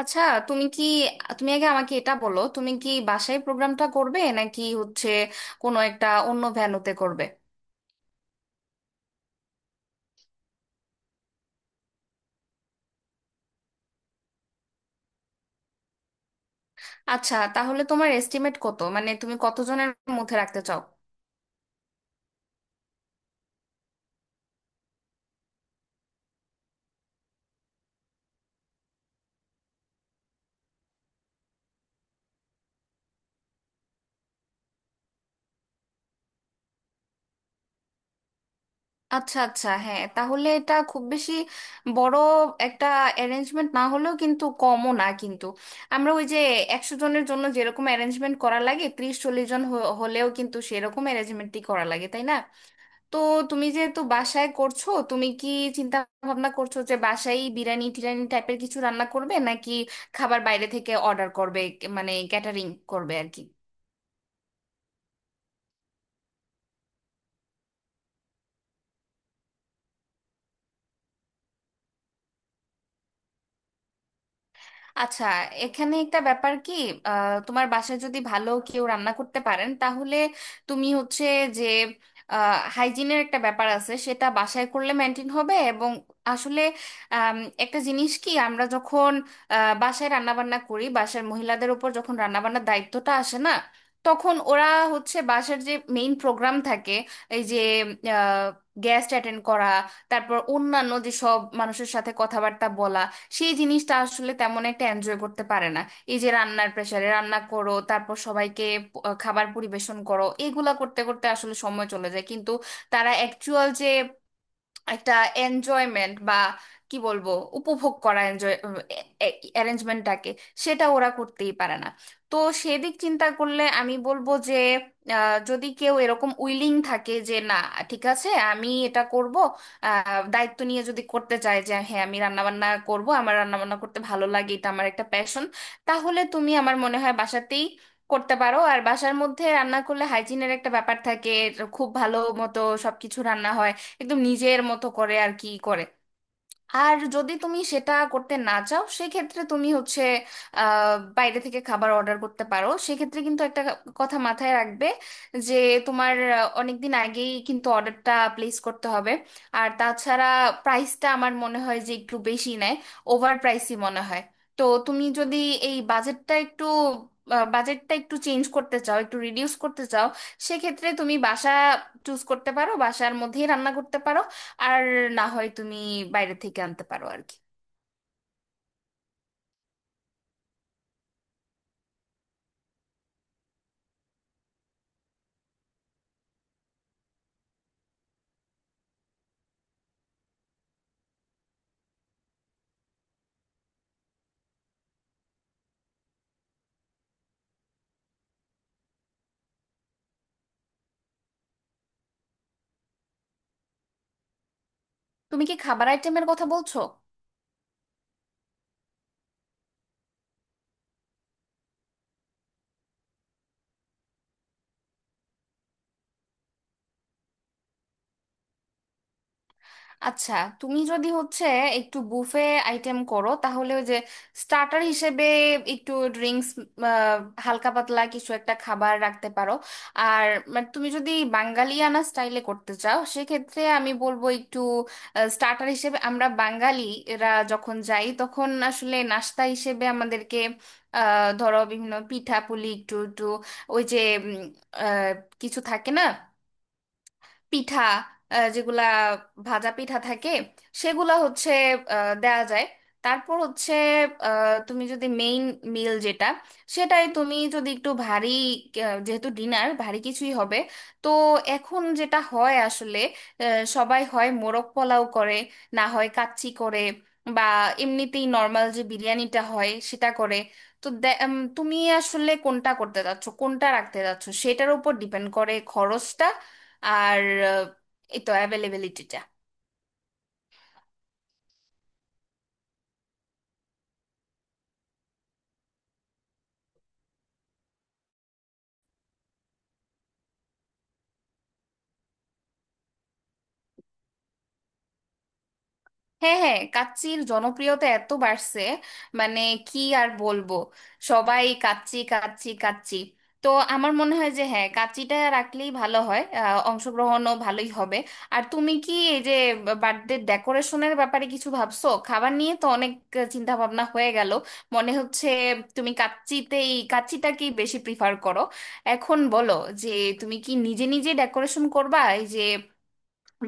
আচ্ছা তুমি কি তুমি আগে আমাকে এটা বলো, তুমি কি বাসায় প্রোগ্রামটা করবে নাকি হচ্ছে কোনো একটা অন্য ভেন্যুতে করবে? আচ্ছা, তাহলে তোমার এস্টিমেট কত, মানে তুমি কতজনের মধ্যে রাখতে চাও? আচ্ছা আচ্ছা, হ্যাঁ, তাহলে এটা খুব বেশি বড় একটা অ্যারেঞ্জমেন্ট না হলেও কিন্তু কমও না কিন্তু। আমরা ওই যে 100 জনের জন্য যেরকম অ্যারেঞ্জমেন্ট করা লাগে, 30-40 জন হলেও কিন্তু সেরকম অ্যারেঞ্জমেন্টই করা লাগে, তাই না? তো তুমি যেহেতু বাসায় করছো, তুমি কি চিন্তা ভাবনা করছো যে বাসায় বিরিয়ানি টিরানি টাইপের কিছু রান্না করবে নাকি খাবার বাইরে থেকে অর্ডার করবে, মানে ক্যাটারিং করবে আর কি। আচ্ছা, এখানে একটা ব্যাপার কি, তোমার বাসায় যদি ভালো কেউ রান্না করতে পারেন তাহলে তুমি হচ্ছে যে হাইজিনের একটা ব্যাপার আছে সেটা বাসায় করলে মেনটেন হবে, এবং আসলে আম, একটা জিনিস কি, আমরা যখন বাসায় রান্নাবান্না করি, বাসার মহিলাদের উপর যখন রান্নাবান্নার দায়িত্বটা আসে না, তখন ওরা হচ্ছে বাসার যে মেইন প্রোগ্রাম থাকে, এই যে গেস্ট অ্যাটেন্ড করা, তারপর অন্যান্য যেসব মানুষের সাথে কথাবার্তা বলা, সেই জিনিসটা আসলে তেমন একটা এনজয় করতে পারে না। এই যে রান্নার প্রেসারে রান্না করো, তারপর সবাইকে খাবার পরিবেশন করো, এগুলা করতে করতে আসলে সময় চলে যায় কিন্তু, তারা অ্যাকচুয়াল যে একটা এনজয়মেন্ট বা কি বলবো, উপভোগ করা, এনজয় অ্যারেঞ্জমেন্টটাকে, সেটা ওরা করতেই পারে না। তো সেদিক চিন্তা করলে আমি বলবো যে যদি কেউ এরকম উইলিং থাকে যে না, ঠিক আছে আমি এটা করব, দায়িত্ব নিয়ে যদি করতে চায় যে হ্যাঁ আমি রান্নাবান্না করব, আমার রান্নাবান্না করতে ভালো লাগে, এটা আমার একটা প্যাশন, তাহলে তুমি আমার মনে হয় বাসাতেই করতে পারো। আর বাসার মধ্যে রান্না করলে হাইজিনের একটা ব্যাপার থাকে, খুব ভালো মতো সবকিছু রান্না হয় একদম নিজের মতো করে আর কি করে। আর যদি তুমি সেটা করতে না চাও সেক্ষেত্রে তুমি হচ্ছে বাইরে থেকে খাবার অর্ডার করতে পারো, সেক্ষেত্রে কিন্তু একটা কথা মাথায় রাখবে যে তোমার অনেক দিন আগেই কিন্তু অর্ডারটা প্লেস করতে হবে। আর তাছাড়া প্রাইসটা আমার মনে হয় যে একটু বেশি নেয়, ওভার প্রাইসই মনে হয়। তো তুমি যদি এই বাজেটটা একটু চেঞ্জ করতে চাও, একটু রিডিউস করতে চাও, সেক্ষেত্রে তুমি বাসা চুজ করতে পারো, বাসার মধ্যেই রান্না করতে পারো। আর না হয় তুমি বাইরে থেকে আনতে পারো আর কি। তুমি কি খাবার আইটেমের কথা বলছো? আচ্ছা, তুমি যদি হচ্ছে একটু বুফে আইটেম করো তাহলে ওই যে স্টার্টার হিসেবে একটু ড্রিঙ্কস, হালকা পাতলা কিছু একটা খাবার রাখতে পারো। আর মানে তুমি যদি বাঙালিয়ানা স্টাইলে করতে চাও সেক্ষেত্রে আমি বলবো একটু স্টার্টার হিসেবে, আমরা বাঙালিরা যখন যাই তখন আসলে নাস্তা হিসেবে আমাদেরকে ধরো বিভিন্ন পিঠা পুলি একটু একটু ওই যে উম, আহ, কিছু থাকে না, পিঠা, যেগুলা ভাজা পিঠা থাকে সেগুলা হচ্ছে দেয়া যায়। তারপর হচ্ছে তুমি যদি মেইন মিল যেটা, সেটাই তুমি যদি একটু ভারী, যেহেতু ডিনার ভারী কিছুই হবে, তো এখন যেটা হয় আসলে আহ, সবাই হয় মোরগ পোলাও করে, না হয় কাচ্চি করে, বা এমনিতেই নর্মাল যে বিরিয়ানিটা হয় সেটা করে। তো তুমি আসলে কোনটা করতে চাচ্ছ, কোনটা রাখতে চাচ্ছ, সেটার উপর ডিপেন্ড করে খরচটা আর আহ, এই তো অ্যাভেলেবিলিটিটা। হ্যাঁ হ্যাঁ, কাচ্চির জনপ্রিয়তা এত বাড়ছে, মানে কি আর বলবো, সবাই কাচ্চি কাচ্চি কাচ্চি। তো আমার মনে হয় যে হ্যাঁ কাচ্চিটা রাখলেই ভালো হয়, অংশগ্রহণও ভালোই হবে। আর তুমি কি এই যে বার্থডে ডেকোরেশনের ব্যাপারে কিছু ভাবছো? খাবার নিয়ে তো অনেক চিন্তা ভাবনা হয়ে গেল, মনে হচ্ছে তুমি কাচ্চিতেই কাচ্চিটাকেই বেশি প্রিফার করো। এখন বলো যে তুমি কি নিজে নিজে ডেকোরেশন করবা? এই যে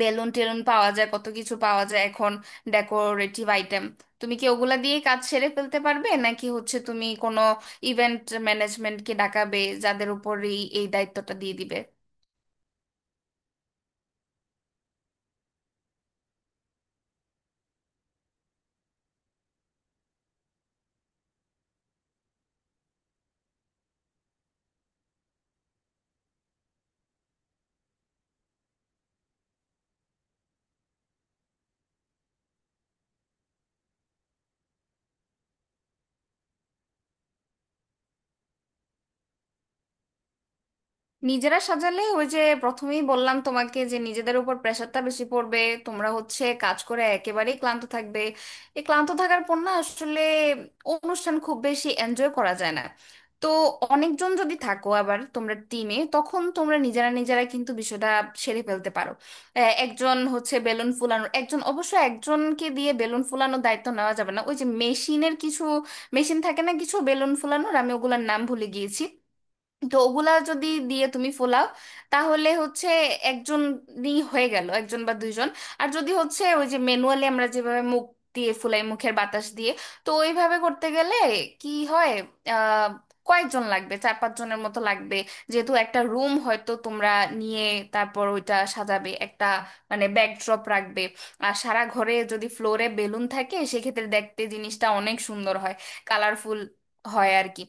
বেলুন টেলুন পাওয়া যায়, কত কিছু পাওয়া যায় এখন, ডেকোরেটিভ আইটেম, তুমি কি ওগুলা দিয়ে কাজ সেরে ফেলতে পারবে নাকি হচ্ছে তুমি কোনো ইভেন্ট ম্যানেজমেন্টকে ডাকাবে যাদের উপর এই এই দায়িত্বটা দিয়ে দিবে? নিজেরা সাজালে ওই যে প্রথমেই বললাম তোমাকে যে নিজেদের উপর প্রেশারটা বেশি পড়বে, তোমরা হচ্ছে কাজ করে একেবারেই ক্লান্ত থাকবে। এই ক্লান্ত থাকার পর না আসলে অনুষ্ঠান খুব বেশি এনজয় করা যায় না। তো অনেকজন যদি থাকো আবার তোমরা টিমে, তখন তোমরা নিজেরা নিজেরা কিন্তু বিষয়টা সেরে ফেলতে পারো। একজন হচ্ছে বেলুন ফুলানোর, একজন অবশ্য একজনকে দিয়ে বেলুন ফুলানোর দায়িত্ব নেওয়া যাবে না, ওই যে মেশিনের কিছু মেশিন থাকে না কিছু বেলুন ফুলানোর, আমি ওগুলোর নাম ভুলে গিয়েছি, তো ওগুলা যদি দিয়ে তুমি ফোলাও তাহলে হচ্ছে একজনই হয়ে গেল, একজন বা দুইজন। আর যদি হচ্ছে ওই যে ম্যানুয়ালি আমরা যেভাবে মুখ দিয়ে ফুলাই, মুখের বাতাস দিয়ে, তো ওইভাবে করতে গেলে কি হয়, আহ কয়েকজন লাগবে, 4-5 জনের মতো লাগবে। যেহেতু একটা রুম হয়তো তোমরা নিয়ে তারপর ওইটা সাজাবে, একটা মানে ব্যাকড্রপ রাখবে, আর সারা ঘরে যদি ফ্লোরে বেলুন থাকে সেক্ষেত্রে দেখতে জিনিসটা অনেক সুন্দর হয়, কালারফুল হয় আর কি।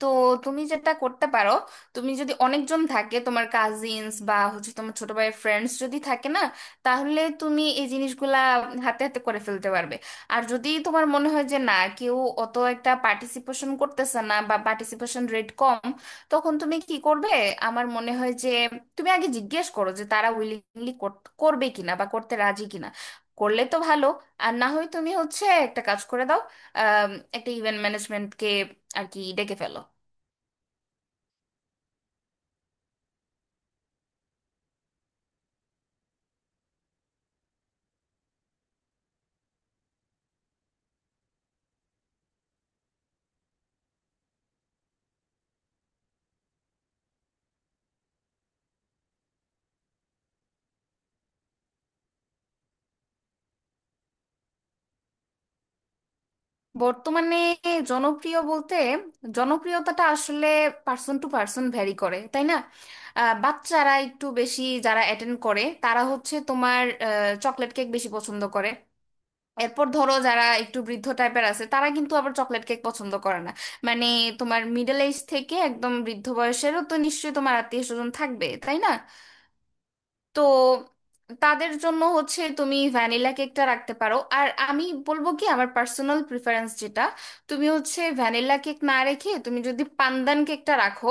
তো তুমি যেটা করতে পারো, তুমি যদি অনেকজন থাকে তোমার কাজিনস বা হচ্ছে তোমার ছোট ভাইয়ের ফ্রেন্ডস যদি থাকে না, তাহলে তুমি এই জিনিসগুলা হাতে হাতে করে ফেলতে পারবে। আর যদি তোমার মনে হয় যে না, কেউ অত একটা পার্টিসিপেশন করতেছে না বা পার্টিসিপেশন রেট কম, তখন তুমি কি করবে? আমার মনে হয় যে তুমি আগে জিজ্ঞেস করো যে তারা উইলিংলি করবে কিনা বা করতে রাজি কিনা, করলে তো ভালো। আর না হয় তুমি হচ্ছে একটা কাজ করে দাও, আম, একটা ইভেন্ট ম্যানেজমেন্টকে আর কি ডেকে ফেলো। বর্তমানে জনপ্রিয় বলতে জনপ্রিয়তাটা আসলে পার্সন টু পার্সন ভ্যারি করে, তাই না? বাচ্চারা একটু বেশি যারা অ্যাটেন্ড করে, তারা হচ্ছে তোমার চকলেট কেক বেশি পছন্দ করে। এরপর ধরো যারা একটু বৃদ্ধ টাইপের আছে তারা কিন্তু আবার চকলেট কেক পছন্দ করে না, মানে তোমার মিডল এজ থেকে একদম বৃদ্ধ বয়সেরও তো নিশ্চয়ই তোমার আত্মীয় স্বজন থাকবে, তাই না? তো তাদের জন্য হচ্ছে তুমি ভ্যানিলা কেকটা রাখতে পারো। আর আমি বলবো কি, আমার পার্সোনাল প্রিফারেন্স যেটা, তুমি হচ্ছে ভ্যানিলা কেক না রেখে তুমি যদি পান্দান কেকটা রাখো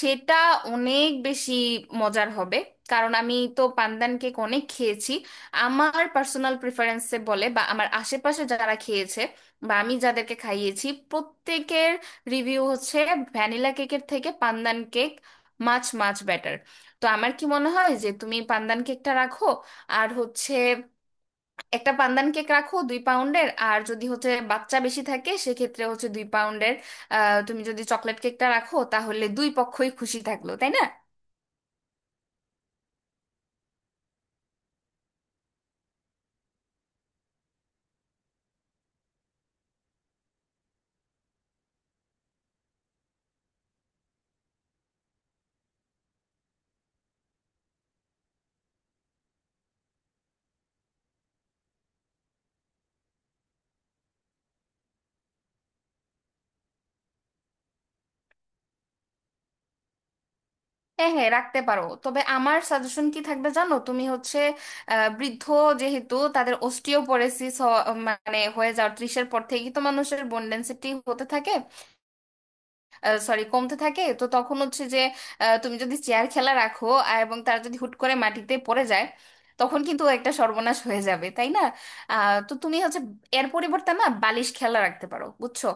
সেটা অনেক বেশি মজার হবে, কারণ আমি তো পান্দান কেক অনেক খেয়েছি, আমার পার্সোনাল প্রিফারেন্সে বলে, বা আমার আশেপাশে যারা খেয়েছে বা আমি যাদেরকে খাইয়েছি প্রত্যেকের রিভিউ হচ্ছে ভ্যানিলা কেকের থেকে পান্দান কেক মাছ মাছ বেটার। তো আমার কি মনে হয় যে তুমি পান্দান কেকটা রাখো, আর হচ্ছে একটা পান্দান কেক রাখো 2 পাউন্ডের, আর যদি হচ্ছে বাচ্চা বেশি থাকে সেক্ষেত্রে হচ্ছে 2 পাউন্ডের তুমি যদি চকলেট কেকটা রাখো, তাহলে দুই পক্ষই খুশি থাকলো, তাই না? হ্যাঁ হ্যাঁ রাখতে পারো, তবে আমার সাজেশন কি থাকবে জানো, তুমি হচ্ছে বৃদ্ধ, যেহেতু তাদের অস্টিওপোরোসিস মানে হয়ে যাওয়ার, 30-এর পর থেকেই তো মানুষের বোন ডেন্সিটি হতে থাকে, সরি কমতে থাকে, তো তখন হচ্ছে যে তুমি যদি চেয়ার খেলা রাখো আর এবং তারা যদি হুট করে মাটিতে পড়ে যায় তখন কিন্তু একটা সর্বনাশ হয়ে যাবে, তাই না? তো তুমি হচ্ছে এর পরিবর্তে না বালিশ খেলা রাখতে পারো, বুঝছো।